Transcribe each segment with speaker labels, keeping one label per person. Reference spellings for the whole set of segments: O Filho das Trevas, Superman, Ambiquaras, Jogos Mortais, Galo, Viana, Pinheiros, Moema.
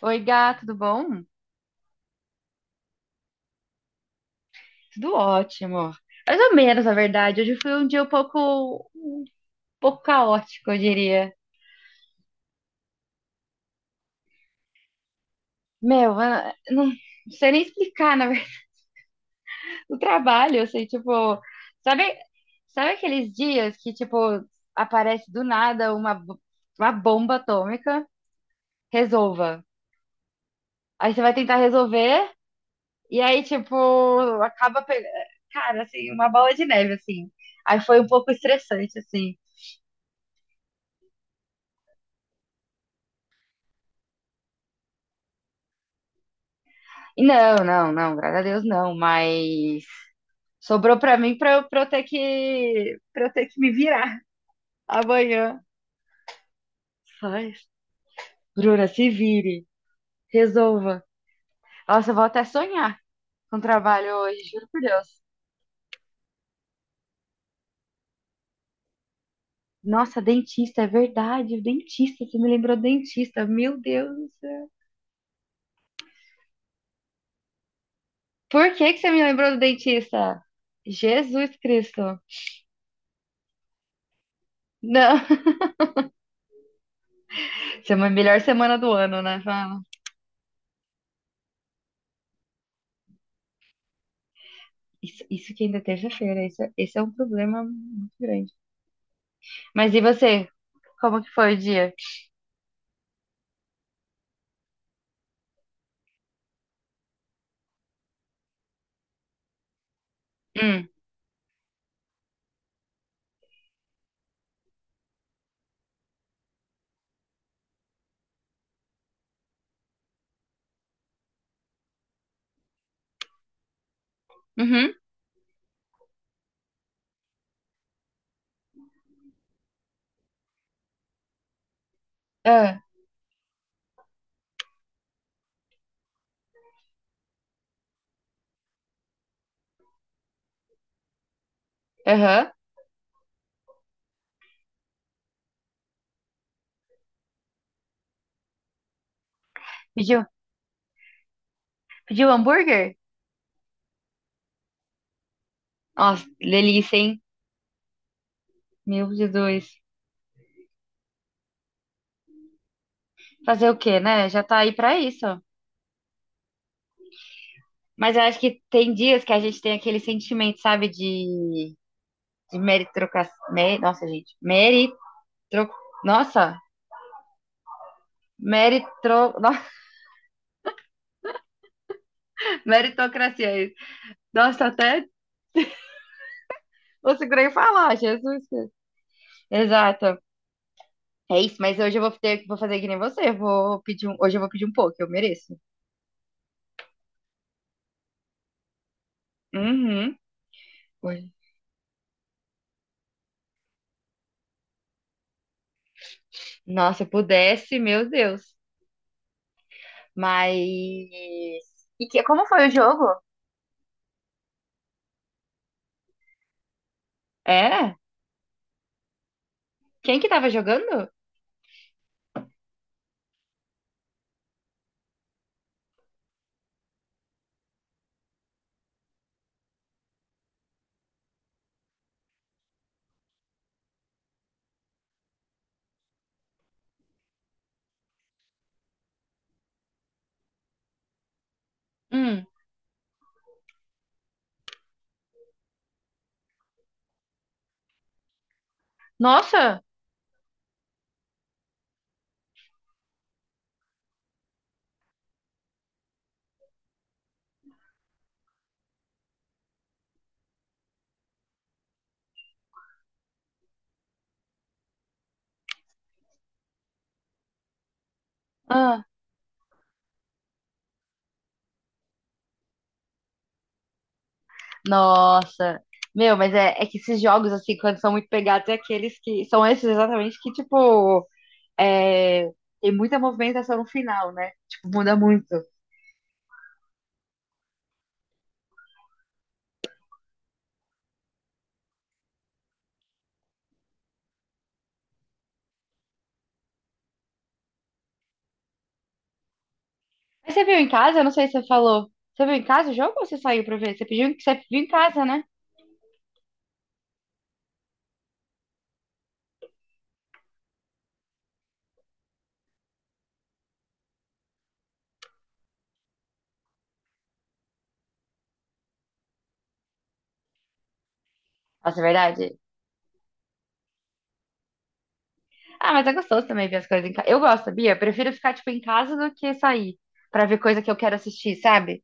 Speaker 1: Oi, gato, tudo bom? Tudo ótimo. Mais ou menos, na verdade. Hoje foi um dia um pouco caótico, eu diria. Meu, eu não não sei nem explicar, na verdade, o trabalho, eu sei, tipo, sabe, sabe aqueles dias que, tipo, aparece do nada uma, uma bomba atômica? Resolva. Aí você vai tentar resolver, e aí, tipo, acaba pegando, cara, assim, uma bola de neve, assim. Aí foi um pouco estressante, assim. Não, não, não, graças a Deus não, mas sobrou pra mim pra eu ter que, pra eu ter que me virar amanhã. Ai, Bruna, se vire, resolva. Nossa, eu vou até sonhar com o trabalho hoje, juro por Deus. Nossa, dentista, é verdade, o dentista, você me lembrou do dentista, meu Deus do céu. Por que que você me lembrou do dentista? Jesus Cristo. Não, essa é a melhor semana do ano, né? Fala. Isso que ainda é terça-feira, isso, é, esse é um problema muito grande. Mas e você? Como que foi o dia? Hum, uhum, ah, aham. Pediu, pediu hambúrguer? Nossa, delícia, hein? Meu Jesus. Fazer o quê, né? Já tá aí pra isso. Mas eu acho que tem dias que a gente tem aquele sentimento, sabe, de meritocracia. Nossa, gente. Meritro, nossa, meritro, nossa, meritocracia. É isso. Nossa, até eu segurei falar, Jesus. Exato. É isso, mas hoje eu vou ter, vou fazer que nem você. Vou pedir um, hoje eu vou pedir um pouco, eu mereço. Uhum. Hoje- nossa, se eu pudesse, meu Deus. Mas. E que, como foi o jogo? É? Quem que tava jogando? Hum. Nossa! Ah, nossa! Meu, mas é, é que esses jogos, assim, quando são muito pegados, é aqueles que. São esses exatamente que, tipo. É, tem muita movimentação no final, né? Tipo, muda muito. Mas você viu em casa? Eu não sei se você falou. Você viu em casa o jogo ou você saiu pra ver? Você pediu, você viu em casa, né? Nossa, é verdade. Ah, mas é gostoso também ver as coisas em casa. Eu gosto, sabia? Eu prefiro ficar, tipo, em casa do que sair pra ver coisa que eu quero assistir, sabe?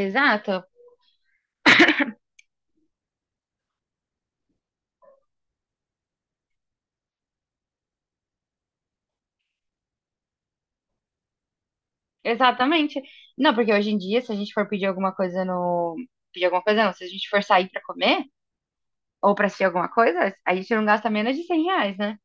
Speaker 1: Exato. Exatamente. Não, porque hoje em dia, se a gente for pedir alguma coisa no... Pedir alguma coisa, não. Se a gente for sair pra comer ou pra assistir alguma coisa, a gente não gasta menos de 100 reais, né?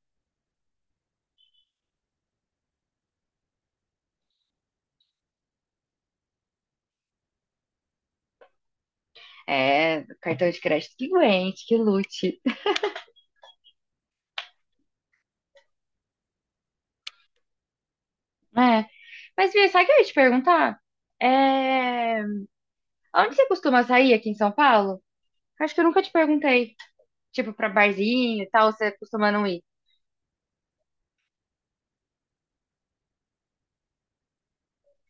Speaker 1: É, cartão de crédito que aguente, que lute. É. Mas, Bia, sabe o que eu ia te perguntar? É... Onde você costuma sair aqui em São Paulo? Acho que eu nunca te perguntei. Tipo, pra barzinho e tal, você costuma não ir?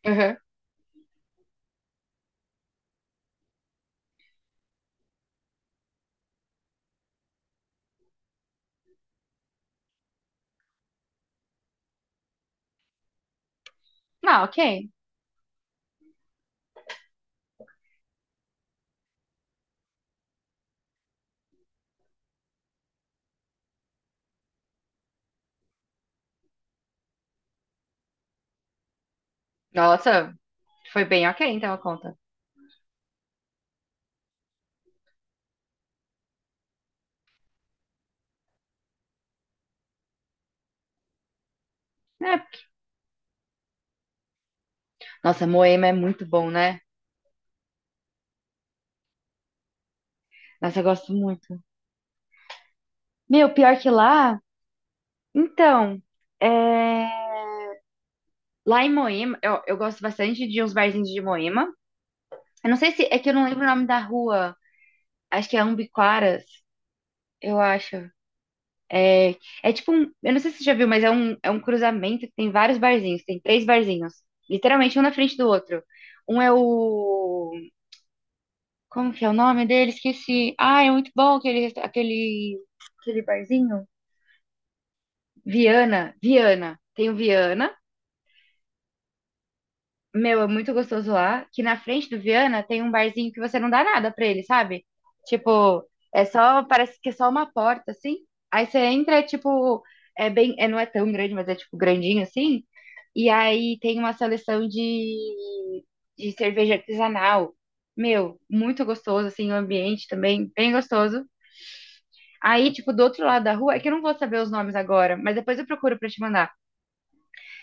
Speaker 1: Uhum. Não, ok. Nossa, foi bem ok, então a conta. É. Nossa, Moema é muito bom, né? Nossa, eu gosto muito. Meu, pior que lá. Então, é... lá em Moema, eu gosto bastante de uns barzinhos de Moema. Eu não sei se. É que eu não lembro o nome da rua. Acho que é Ambiquaras, eu acho. É, é tipo um, eu não sei se você já viu, mas é um cruzamento que tem vários barzinhos, tem três barzinhos, literalmente um na frente do outro. Um é o, como que é o nome dele? Esqueci. Ah, é muito bom aquele, aquele, aquele barzinho. Viana, Viana. Tem o Viana. Meu, é muito gostoso lá. Que na frente do Viana tem um barzinho que você não dá nada pra ele, sabe? Tipo, é só, parece que é só uma porta, assim. Aí você entra, é tipo, é bem, é, não é tão grande, mas é tipo grandinho, assim. E aí tem uma seleção de cerveja artesanal. Meu, muito gostoso, assim, o ambiente também, bem gostoso. Aí, tipo, do outro lado da rua, é que eu não vou saber os nomes agora, mas depois eu procuro pra te mandar.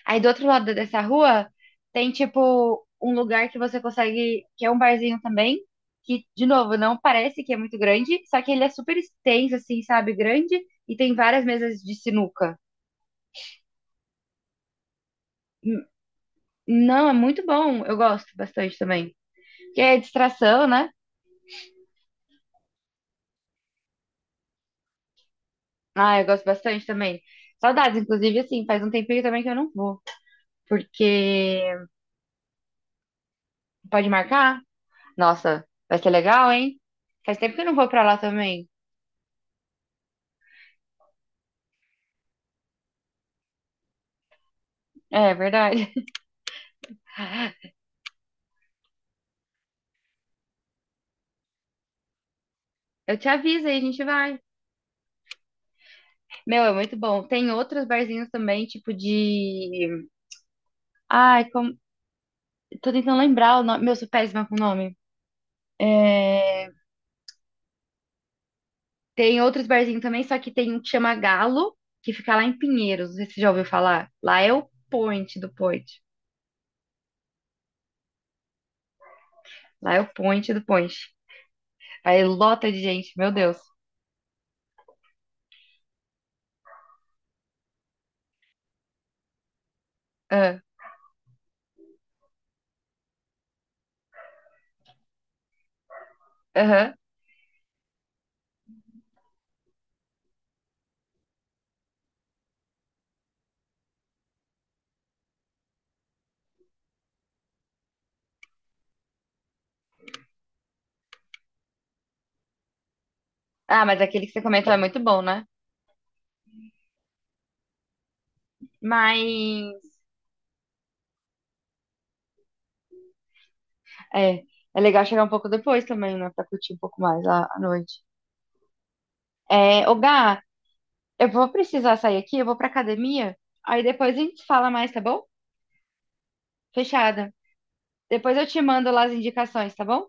Speaker 1: Aí do outro lado dessa rua tem, tipo, um lugar que você consegue, que é um barzinho também, que, de novo, não parece que é muito grande, só que ele é super extenso, assim, sabe, grande, e tem várias mesas de sinuca. N- Não, é muito bom, eu gosto bastante também. Porque é distração, né? Ah, eu gosto bastante também. Saudades, inclusive, assim, faz um tempinho também que eu não vou. Porque pode marcar? Nossa, vai ser legal, hein? Faz tempo que eu não vou pra lá também. É, verdade. Eu te aviso aí, a gente vai. Meu, é muito bom. Tem outros barzinhos também, tipo de. Ai, como... tô tentando lembrar o nome. Meu, eu sou péssima com o nome. É... Tem outros barzinhos também, só que tem um que chama Galo, que fica lá em Pinheiros. Não sei se você já ouviu falar. Lá é o point do point. Lá é o point do point. Aí lota de gente, meu Deus. Ah, aham. Ah, mas aquele que você comentou é muito bom, né? Mas é, é legal chegar um pouco depois também, né? Pra curtir um pouco mais a, à noite. É, ô Gá, eu vou precisar sair aqui, eu vou pra academia. Aí depois a gente fala mais, tá bom? Fechada. Depois eu te mando lá as indicações, tá bom?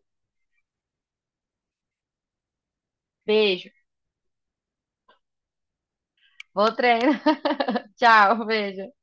Speaker 1: Beijo. Vou treinar. Tchau, beijo.